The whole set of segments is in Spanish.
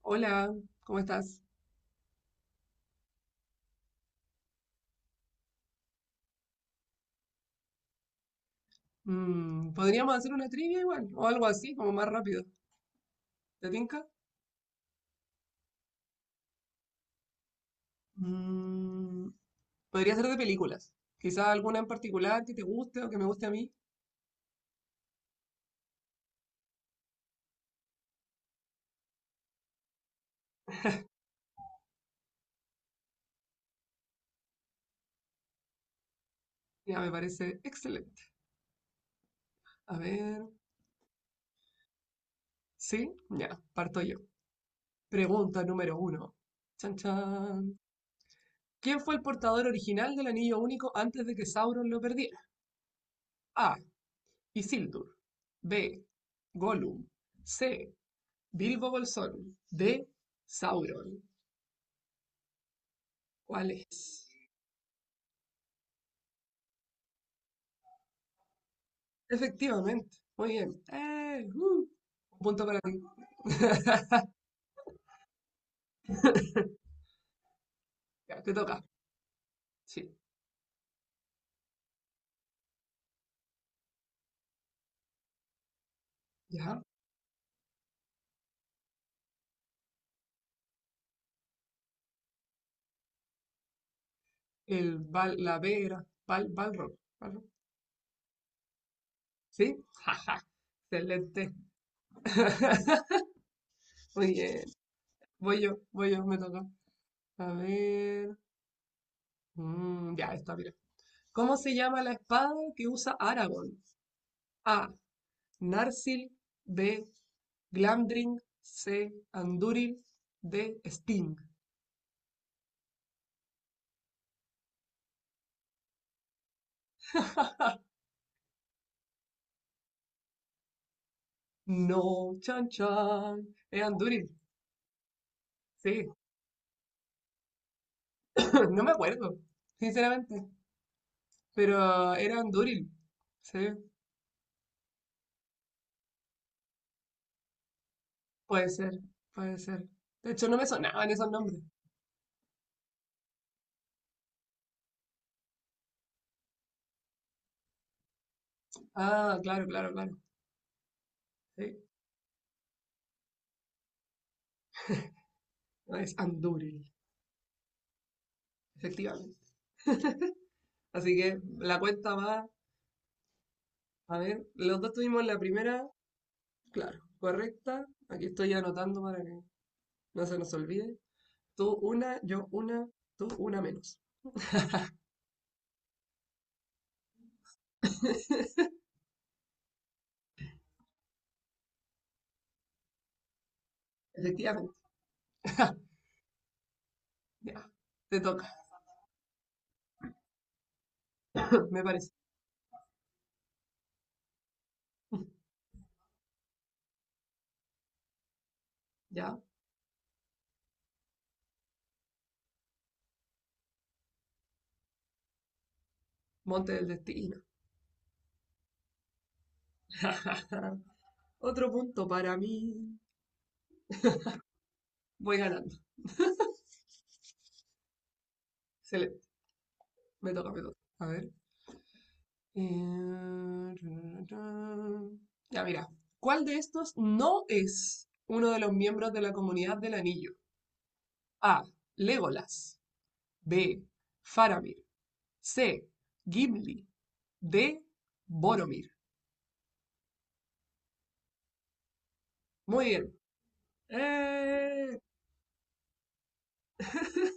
Hola, ¿cómo estás? Mm, podríamos hacer una trivia igual, o algo así, como más rápido. ¿Te tinca? Mm, podría ser de películas. Quizá alguna en particular que te guste o que me guste a mí. Ya, me parece excelente. A ver, ¿sí? Ya, parto yo. Pregunta número uno. Chan, chan. ¿Quién fue el portador original del Anillo Único antes de que Sauron lo perdiera? A. Isildur. B. Gollum. C. Bilbo Bolsón. D. Sauron. ¿Cuál es? Efectivamente. Muy bien. Un punto para ti. Ya, te toca. Sí. Ya. El bal, la B era bal, balrog. Balrog. ¿Sí? Jaja. Excelente. Muy bien. Voy yo, me toca. A ver. Mm, ya, está, mira. ¿Cómo se llama la espada que usa Aragorn? A. Narsil. B. Glamdring. C. Andúril. D. Sting. No, chan chan. Era Andúril, sí. No me acuerdo, sinceramente. Pero era Andúril, sí. Puede ser, puede ser. De hecho, no me sonaban esos nombres. Ah, claro. Sí. Es Andúril, efectivamente. Así que la cuenta va. A ver, los dos tuvimos la primera, claro, correcta. Aquí estoy anotando para que no se nos olvide. Tú una, yo una, tú una menos. Efectivamente. Ya, te toca, me parece. Ya. Monte del destino. Otro punto para mí. Voy ganando. Excelente. Me toca. A ver. Eh, Ya, mira. ¿Cuál de estos no es uno de los miembros de la comunidad del anillo? A. Legolas. B. Faramir. C. Gimli. D. Boromir. Muy bien. ¡Eh!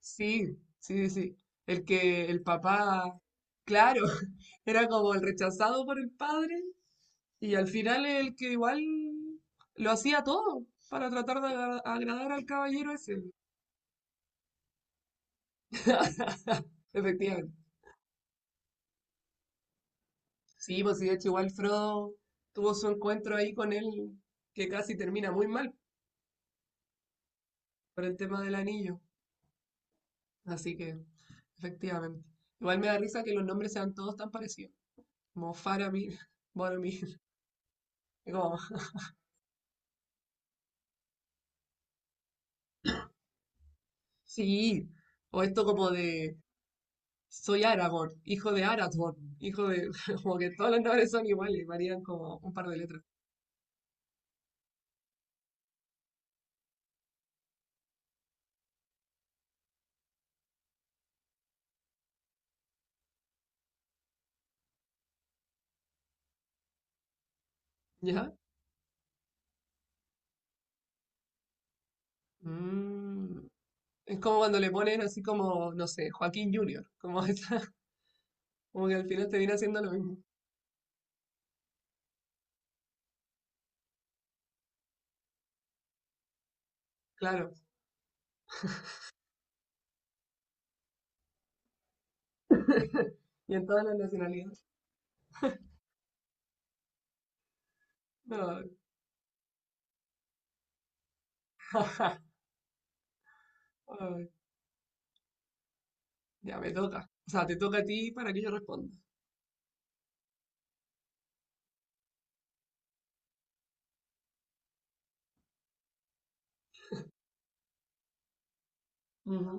Sí. El que el papá, claro, era como el rechazado por el padre y al final el que igual lo hacía todo para tratar de agradar al caballero ese. Efectivamente. Sí, pues sí, de hecho igual Frodo tuvo su encuentro ahí con él que casi termina muy mal por el tema del anillo. Así que, efectivamente. Igual me da risa que los nombres sean todos tan parecidos. Como Faramir, Boromir. como, sí, o esto como de soy Aragorn, hijo de Arathorn, hijo de. Como que todos los nombres son iguales, varían como un par de letras. ¿Ya? Mm, es como cuando le ponen así como, no sé, Joaquín Junior, como esa, como que al final te viene haciendo lo mismo. Claro. Y en todas las nacionalidades. No. Ay, ya me toca. O sea, te toca a ti para que yo responda. Ujú,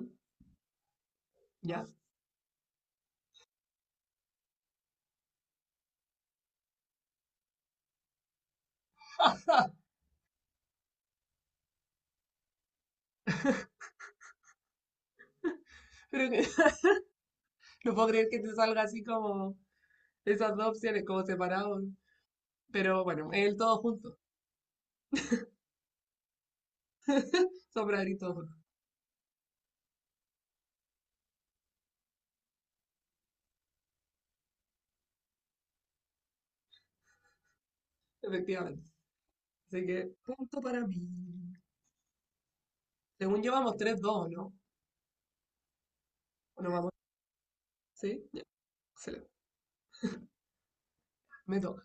ya. Pero que no puedo creer que te salga así como esas dos opciones, como separados. Pero bueno, el todo junto. Sombra y todo junto. Efectivamente. Así que, punto para mí. Según yo, vamos 3-2, ¿no? ¿O no vamos? ¿Sí? Ya, excelente. Me toca.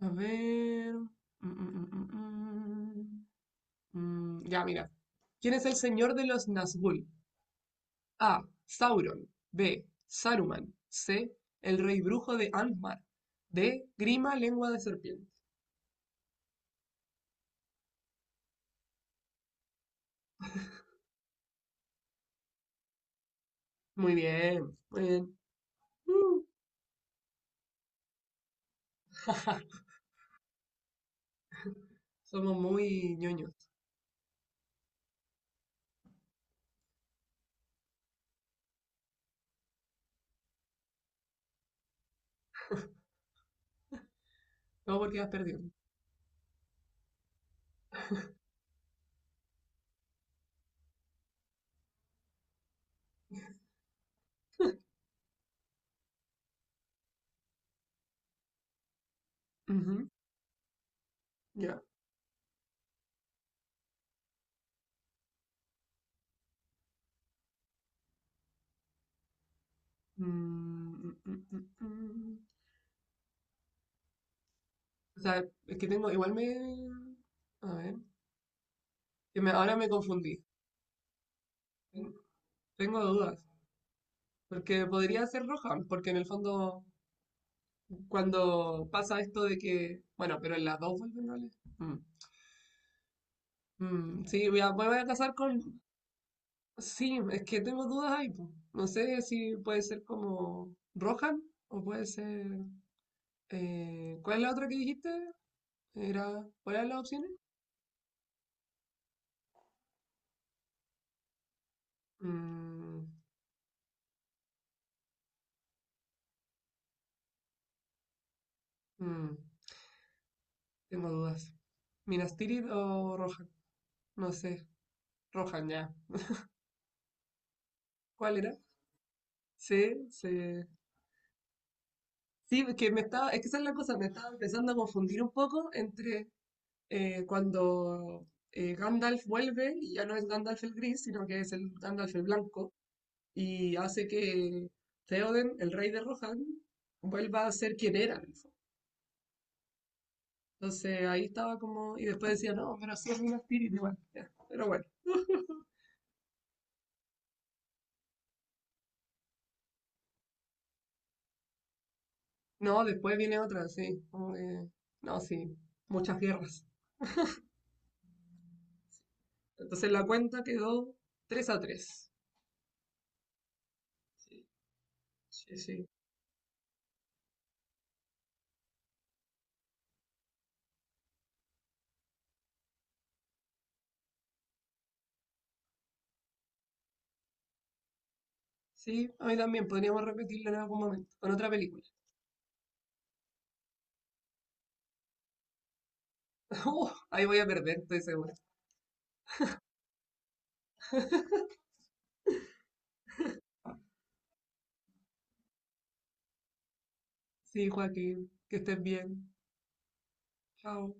A ver. Mm. Ya, mira. ¿Quién es el señor de los Nazgûl? A. Sauron. B. Saruman. C. El rey brujo de Angmar. D. Grima, lengua de serpiente. Muy bien, muy bien. Mm. Somos muy ñoños. No porque has perdido. Ujú, ya. Mm, mm, mm, mm, mm. O sea, es que tengo, igual me... A ver, ahora me confundí. Tengo dudas. Porque podría ser roja, porque en el fondo, cuando pasa esto de que... Bueno, pero en las dos vuelven roles. Sí, me voy a casar con... Sí, es que tengo dudas ahí. Po. No sé si puede ser como roja o puede ser... ¿cuál es la otra que dijiste? Era, ¿cuáles eran las opciones? Mm, Mm, tengo dudas. ¿Minas Tirith o Rohan? No sé. Rohan ya. ¿Cuál era? Sí, sí. Sí, es que me estaba, es que esa es la cosa, me estaba empezando a confundir un poco entre cuando Gandalf vuelve y ya no es Gandalf el gris, sino que es el Gandalf el blanco y hace que Theoden, el rey de Rohan, vuelva a ser quien era en el fondo. Entonces ahí estaba como, y después decía, no, pero sí es Minas Tirith igual. Ya. Pero bueno. No, después viene otra, sí, como que- no, sí. Muchas guerras. Entonces la cuenta quedó 3 a 3. Sí, sí. Sí, a mí también podríamos repetirla en algún momento, con otra película. Ahí voy a perder, estoy segura. Sí, Joaquín, que estés bien. Chao.